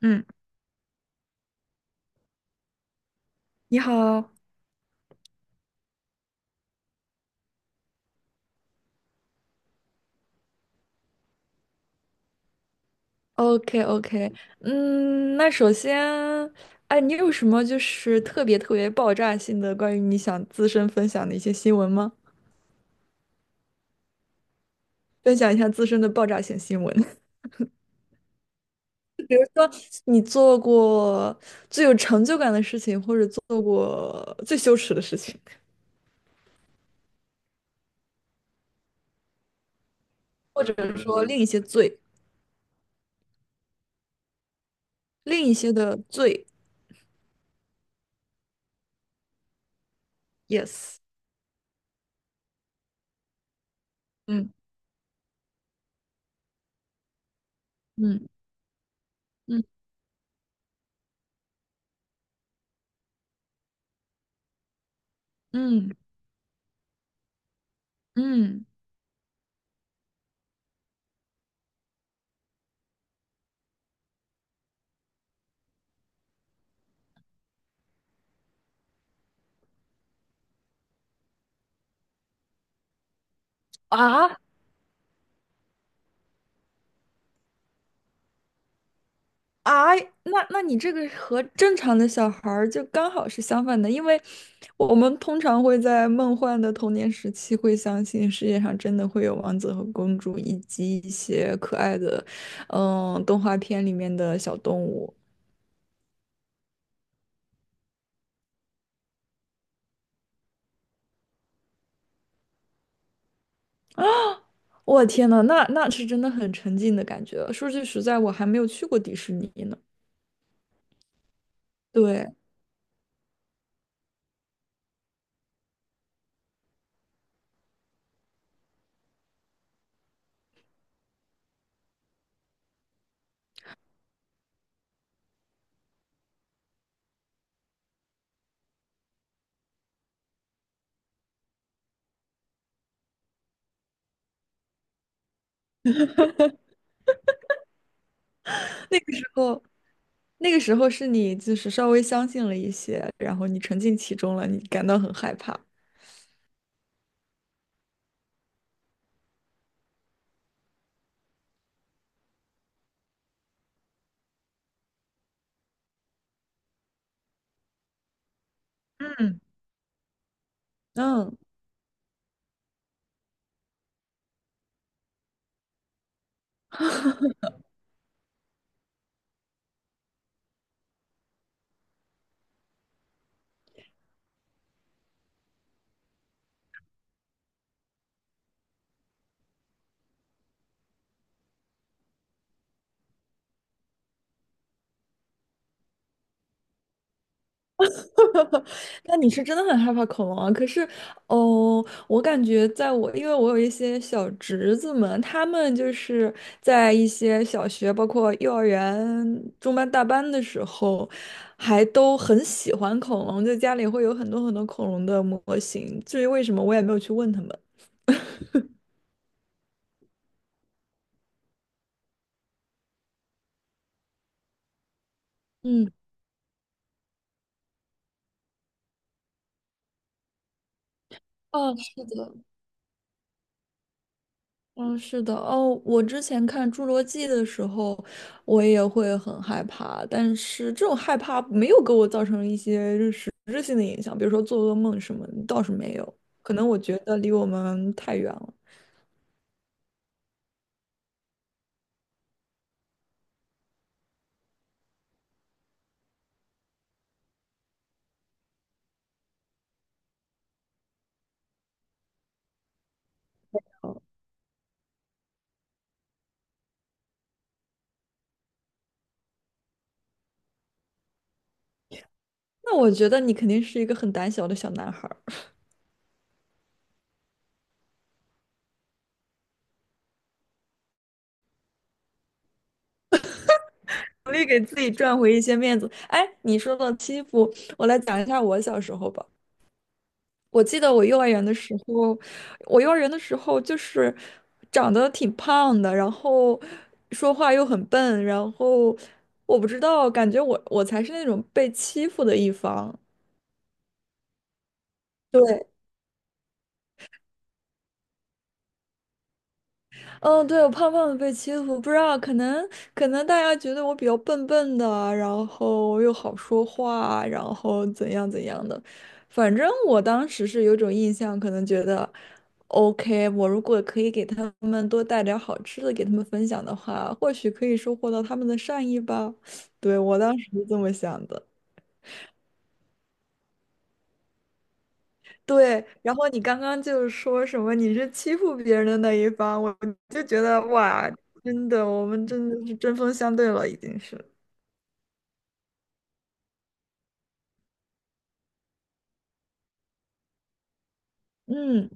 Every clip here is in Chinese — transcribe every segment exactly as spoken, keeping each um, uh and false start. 嗯，你好。OK OK。嗯，那首先，哎，你有什么就是特别特别爆炸性的关于你想自身分享的一些新闻吗？分享一下自身的爆炸性新闻。你做过最有成就感的事情，或者做过最羞耻的事情，或者是说另一些罪，另一些的罪，yes。嗯嗯嗯嗯嗯。啊。啊，那那你这个和正常的小孩儿就刚好是相反的，因为我们通常会在梦幻的童年时期会相信世界上真的会有王子和公主，以及一些可爱的，嗯，动画片里面的小动物。我天呐，那那是真的很沉浸的感觉。说句实在，我还没有去过迪士尼呢。对。那个时候，那个时候是你就是稍微相信了一些，然后你沉浸其中了，你感到很害怕。嗯嗯。那你是真的很害怕恐龙啊？可是，哦，我感觉在我，因为我有一些小侄子们，他们就是在一些小学，包括幼儿园中班、大班的时候，还都很喜欢恐龙，就家里会有很多很多恐龙的模型。至于为什么，我也没有去问他们。嗯。哦，是的。嗯，是的。哦，我之前看《侏罗纪》的时候，我也会很害怕，但是这种害怕没有给我造成一些实质性的影响，比如说做噩梦什么倒是没有，可能我觉得离我们太远了。哦，那我觉得你肯定是一个很胆小的小男孩儿，努力给自己赚回一些面子。哎，你说到欺负，我来讲一下我小时候吧。我记得我幼儿园的时候，我幼儿园的时候就是长得挺胖的，然后说话又很笨，然后我不知道，感觉我我才是那种被欺负的一方。对。嗯，对，我胖胖的被欺负，不知道，可能可能大家觉得我比较笨笨的，然后又好说话，然后怎样怎样的，反正我当时是有种印象，可能觉得，OK,我如果可以给他们多带点儿好吃的给他们分享的话，或许可以收获到他们的善意吧。对，我当时是这么想的。对，然后你刚刚就是说什么你是欺负别人的那一方，我就觉得哇，真的，我们真的是针锋相对了，已经是。嗯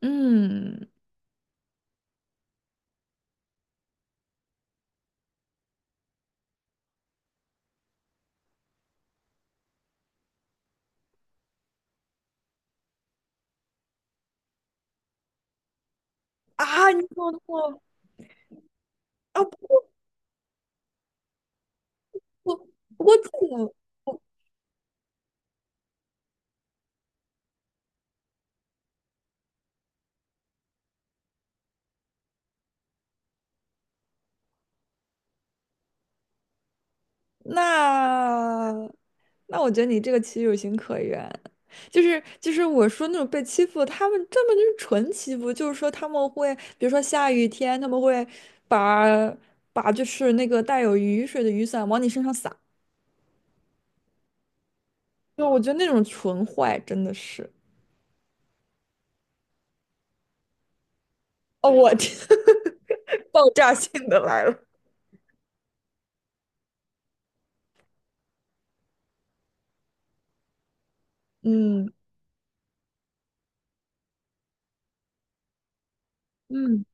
嗯。啊，你说么那么啊？不过不不过这个。那那我觉得你这个其实有情可原，就是就是我说那种被欺负，他们根本就是纯欺负，就是说他们会，比如说下雨天，他们会把把就是那个带有雨水的雨伞往你身上撒，就我觉得那种纯坏真的是，哦，我天。爆炸性的来了。嗯嗯。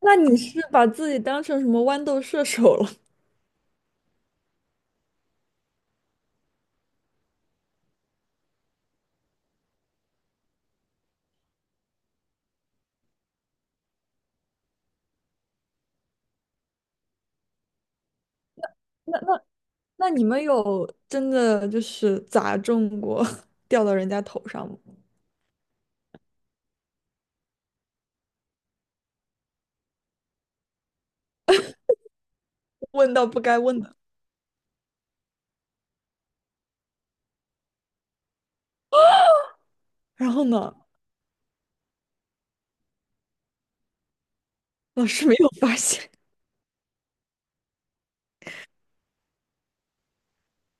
那你是把自己当成什么豌豆射手了？那那。那你们有真的就是砸中过，掉到人家头上吗？问到不该问的。然后呢，老师没有发现。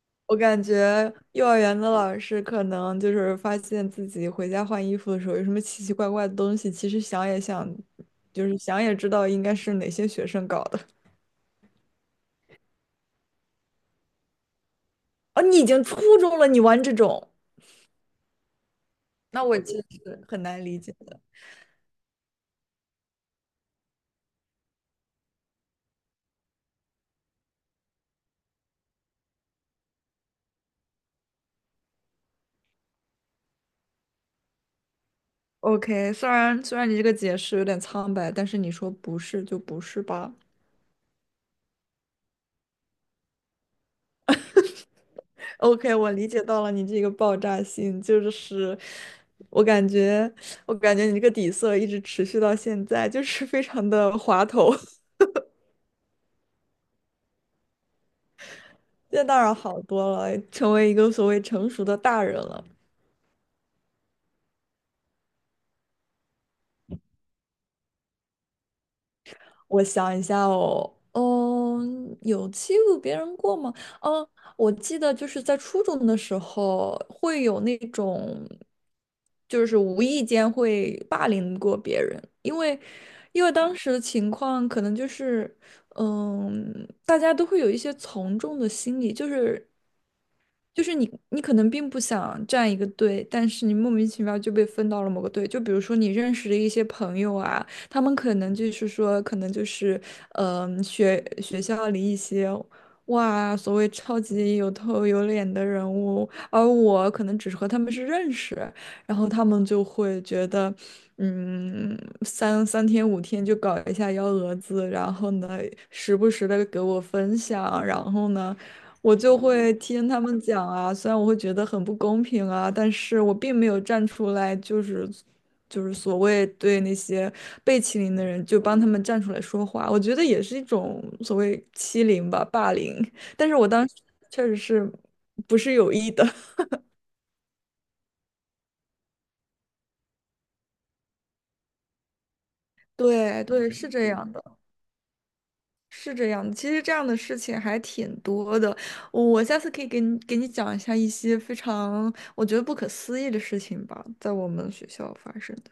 我感觉幼儿园的老师可能就是发现自己回家换衣服的时候有什么奇奇怪怪的东西，其实想也想，就是想也知道应该是哪些学生搞的。哦，你已经初中了，你玩这种，那我其实是很难理解的。OK,虽然虽然你这个解释有点苍白，但是你说不是就不是吧。OK,我理解到了你这个爆炸性，就是我感觉，我感觉你这个底色一直持续到现在，就是非常的滑头。现在当然好多了，成为一个所谓成熟的大人了。我想一下哦，嗯，有欺负别人过吗？嗯，我记得就是在初中的时候会有那种，就是无意间会霸凌过别人，因为因为当时的情况可能就是，嗯，大家都会有一些从众的心理，就是就是你，你可能并不想站一个队，但是你莫名其妙就被分到了某个队。就比如说你认识的一些朋友啊，他们可能就是说，可能就是，嗯、学学校里一些，哇，所谓超级有头有脸的人物，而我可能只是和他们是认识，然后他们就会觉得，嗯，三三天五天就搞一下幺蛾子，然后呢，时不时的给我分享，然后呢。我就会听他们讲啊，虽然我会觉得很不公平啊，但是我并没有站出来，就是就是所谓对那些被欺凌的人，就帮他们站出来说话，我觉得也是一种所谓欺凌吧，霸凌。但是我当时确实是不是有意的。对对，是这样的，是这样的。其实这样的事情还挺多的，我下次可以给你给你讲一下一些非常我觉得不可思议的事情吧，在我们学校发生的。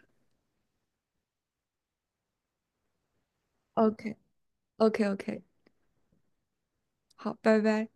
OK。OK OK。好，拜拜。